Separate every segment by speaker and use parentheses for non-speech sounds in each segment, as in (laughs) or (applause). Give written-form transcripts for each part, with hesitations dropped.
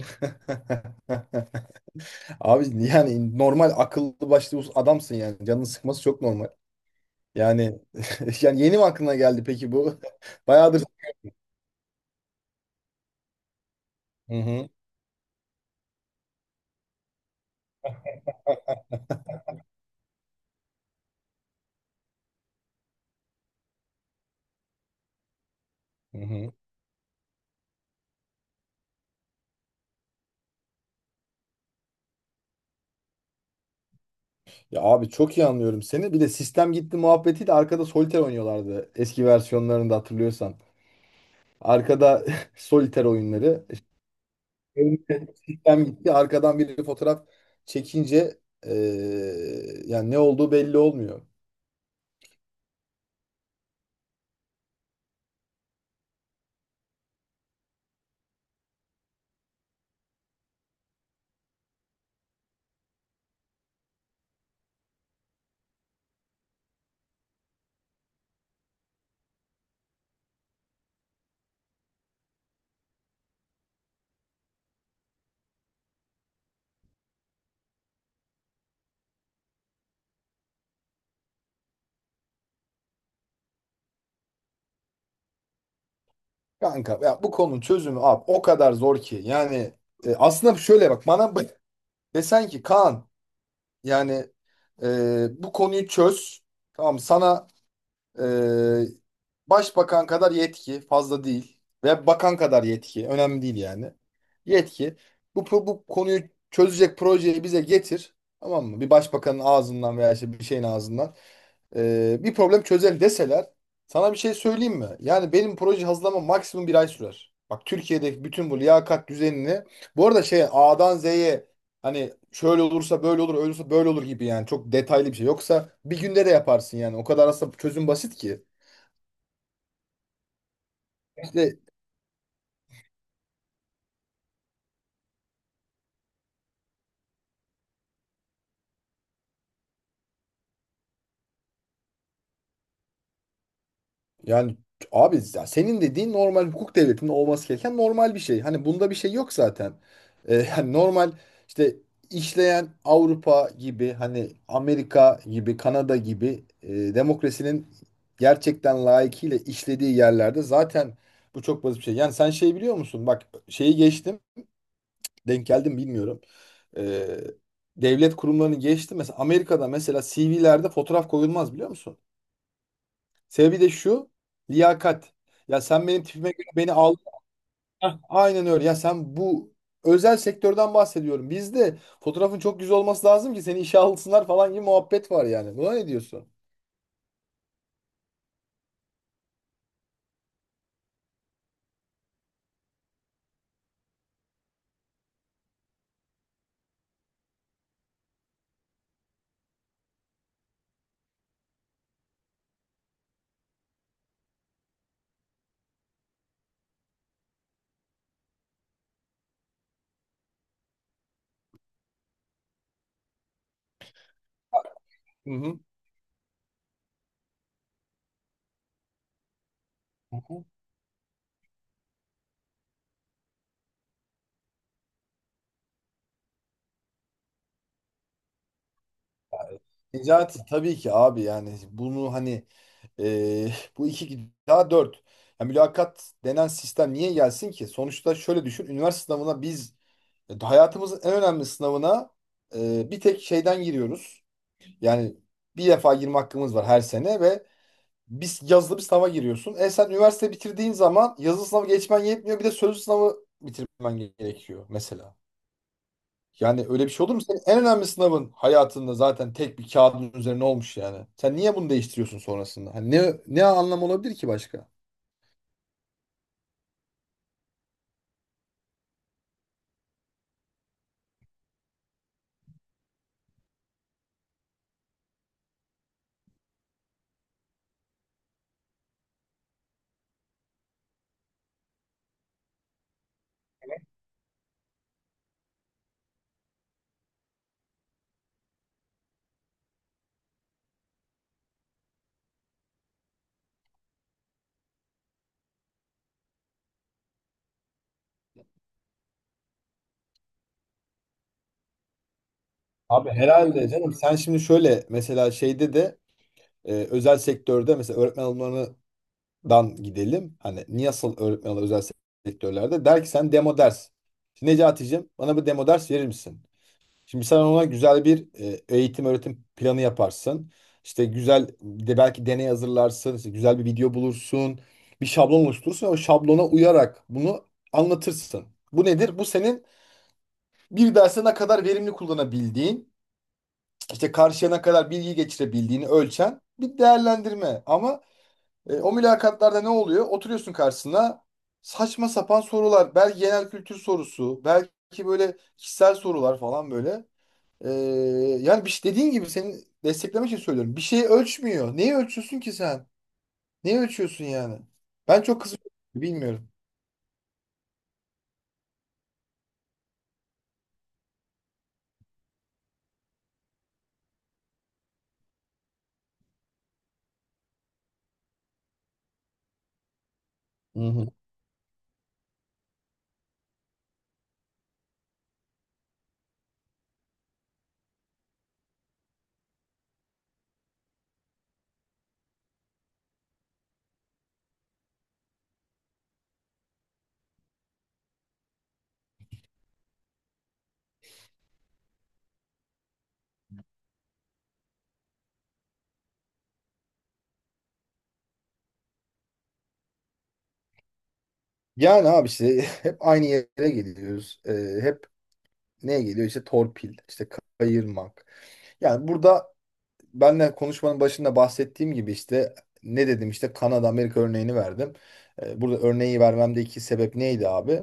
Speaker 1: (laughs) Abi, yani normal akıllı başlı adamsın yani. Canını sıkması çok normal. Yani (laughs) yani yeni mi aklına geldi peki bu? (laughs) Bayağıdır. Hı hı. Hı hı. Ya abi, çok iyi anlıyorum seni. Bir de sistem gitti muhabbetiyle arkada soliter oynuyorlardı. Eski versiyonlarında hatırlıyorsan. Arkada (laughs) soliter oyunları. Önde sistem gitti. Arkadan biri fotoğraf çekince eee, yani ne olduğu belli olmuyor. Kanka, ya bu konunun çözümü abi o kadar zor ki yani aslında şöyle bak bana desen ki Kaan, yani bu konuyu çöz, tamam, sana ee, başbakan kadar yetki fazla değil ve bakan kadar yetki önemli değil yani. Yetki bu konuyu çözecek projeyi bize getir, tamam mı? Bir başbakanın ağzından veya işte bir şeyin ağzından bir problem çözelim deseler, sana bir şey söyleyeyim mi? Yani benim proje hazırlama maksimum bir ay sürer. Bak, Türkiye'deki bütün bu liyakat düzenini, bu arada şey, A'dan Z'ye, hani şöyle olursa böyle olur, öyle olursa böyle olur gibi, yani çok detaylı bir şey. Yoksa bir günde de yaparsın yani. O kadar aslında çözüm basit ki. İşte, yani abi, ya senin dediğin normal hukuk devletinin olması gereken normal bir şey. Hani bunda bir şey yok zaten. (laughs) Yani normal, işte işleyen Avrupa gibi, hani Amerika gibi, Kanada gibi, demokrasinin gerçekten layıkıyla işlediği yerlerde zaten bu çok basit bir şey. Yani sen şey biliyor musun? Bak, şeyi geçtim, denk geldim bilmiyorum. Ee, devlet kurumlarını geçti. Mesela Amerika'da mesela CV'lerde fotoğraf koyulmaz, biliyor musun? Sebebi de şu. Liyakat. Ya sen benim tipime göre beni al. Heh, aynen öyle. Ya sen bu, özel sektörden bahsediyorum. Bizde fotoğrafın çok güzel olması lazım ki seni işe alsınlar falan gibi muhabbet var yani. Buna ne diyorsun? Hı hı. Necati, tabii ki abi, yani bunu hani, e, bu iki daha dört. Yani mülakat denen sistem niye gelsin ki? Sonuçta şöyle düşün. Üniversite sınavına biz, hayatımızın en önemli sınavına, bir tek şeyden giriyoruz. Yani bir defa girme hakkımız var her sene ve biz yazılı bir sınava giriyorsun. E sen üniversite bitirdiğin zaman yazılı sınavı geçmen yetmiyor. Bir de sözlü sınavı bitirmen gerekiyor mesela. Yani öyle bir şey olur mu? Senin en önemli sınavın hayatında zaten tek bir kağıdın üzerine olmuş yani. Sen niye bunu değiştiriyorsun sonrasında? Hani ne anlam olabilir ki başka? Abi herhalde canım, sen şimdi şöyle mesela şeyde de, özel sektörde mesela öğretmen alımlarından gidelim. Hani niye asıl öğretmen alımları özel sektörlerde der ki sen demo ders. Necati'cim, bana bir demo ders verir misin? Şimdi sen ona güzel bir eğitim öğretim planı yaparsın. İşte güzel de belki deney hazırlarsın, işte güzel bir video bulursun, bir şablon oluşturursun ve o şablona uyarak bunu anlatırsın. Bu nedir? Bu senin bir derse ne kadar verimli kullanabildiğin, işte karşıya ne kadar bilgi geçirebildiğini ölçen bir değerlendirme. Ama o mülakatlarda ne oluyor? Oturuyorsun karşısına, saçma sapan sorular. Belki genel kültür sorusu, belki böyle kişisel sorular falan böyle. Ee, yani bir şey, dediğin gibi seni desteklemek için söylüyorum. Bir şeyi ölçmüyor. Neyi ölçüyorsun ki sen? Neyi ölçüyorsun yani? Ben çok kızıyorum. Bilmiyorum. Hı hı. Yani abi, işte (laughs) hep aynı yere geliyoruz. Hep neye geliyor? İşte torpil, işte kayırmak. Yani burada, benle konuşmanın başında bahsettiğim gibi işte ne dedim, işte Kanada, Amerika örneğini verdim. Burada örneği vermemdeki sebep neydi abi?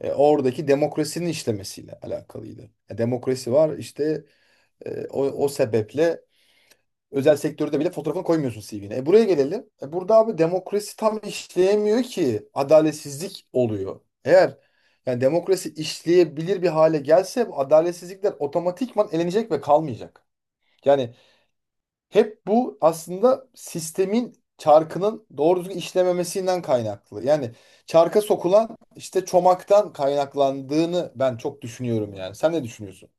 Speaker 1: Oradaki demokrasinin işlemesiyle alakalıydı. E, demokrasi var işte. E, o sebeple özel sektörde bile fotoğrafını koymuyorsun CV'ne. E, buraya gelelim. E, burada abi demokrasi tam işleyemiyor ki. Adaletsizlik oluyor. Eğer yani demokrasi işleyebilir bir hale gelse bu adaletsizlikler otomatikman elenecek ve kalmayacak. Yani hep bu aslında sistemin çarkının doğru düzgün işlememesinden kaynaklı. Yani çarka sokulan işte çomaktan kaynaklandığını ben çok düşünüyorum yani. Sen ne düşünüyorsun?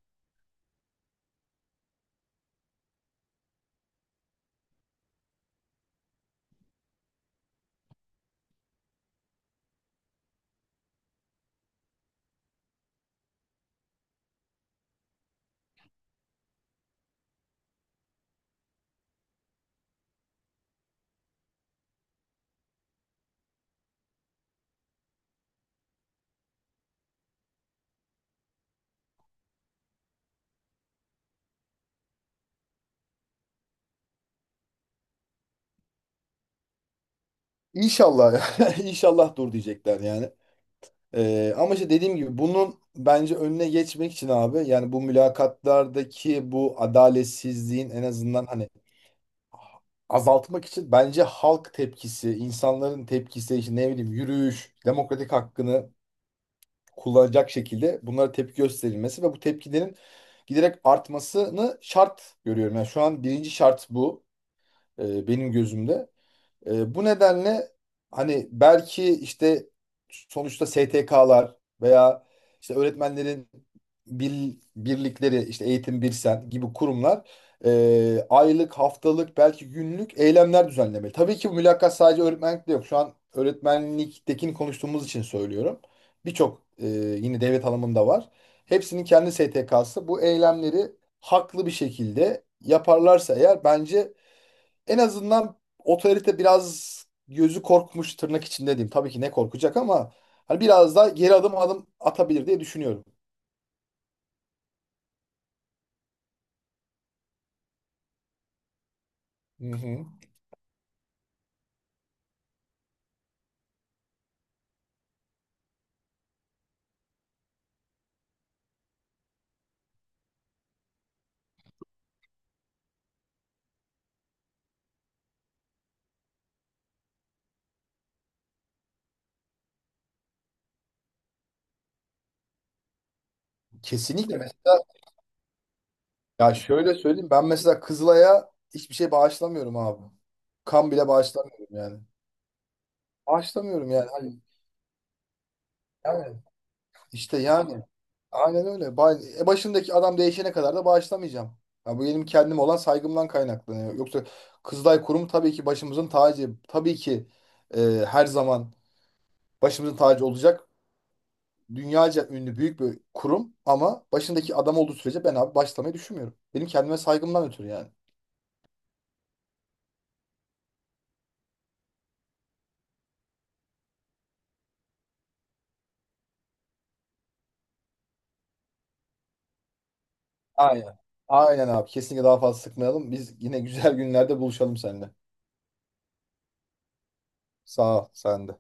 Speaker 1: İnşallah (laughs) ya. İnşallah dur diyecekler yani. Ama işte dediğim gibi bunun bence önüne geçmek için abi, yani bu mülakatlardaki bu adaletsizliğin en azından hani azaltmak için, bence halk tepkisi, insanların tepkisi, işte ne bileyim yürüyüş, demokratik hakkını kullanacak şekilde bunlara tepki gösterilmesi ve bu tepkilerin giderek artmasını şart görüyorum. Yani şu an birinci şart bu, benim gözümde. E, bu nedenle hani belki işte sonuçta STK'lar veya işte öğretmenlerin birlikleri, işte Eğitim Birsen gibi kurumlar aylık, haftalık, belki günlük eylemler düzenlemeli. Tabii ki bu mülakat sadece öğretmenlikte yok. Şu an öğretmenliktekini konuştuğumuz için söylüyorum. Birçok yine devlet alımında var. Hepsinin kendi STK'sı. Bu eylemleri haklı bir şekilde yaparlarsa eğer, bence en azından otorite biraz gözü korkmuş, tırnak içinde diyeyim. Tabii ki ne korkacak ama hani biraz daha geri adım atabilir diye düşünüyorum. Hı hı. Kesinlikle, mesela ya şöyle söyleyeyim, ben mesela Kızılay'a hiçbir şey bağışlamıyorum abi. Kan bile bağışlamıyorum yani. Bağışlamıyorum yani. Hani, yani işte, yani aynen öyle. Başındaki adam değişene kadar da bağışlamayacağım. Ya bu benim kendim olan saygımdan kaynaklanıyor. Yoksa Kızılay Kurumu tabii ki başımızın tacı. Tabii ki e, her zaman başımızın tacı olacak. Dünyaca ünlü büyük bir kurum ama başındaki adam olduğu sürece ben abi başlamayı düşünmüyorum. Benim kendime saygımdan ötürü yani. Aynen. Aynen abi. Kesinlikle daha fazla sıkmayalım. Biz yine güzel (laughs) günlerde buluşalım seninle. Sağ ol sen de.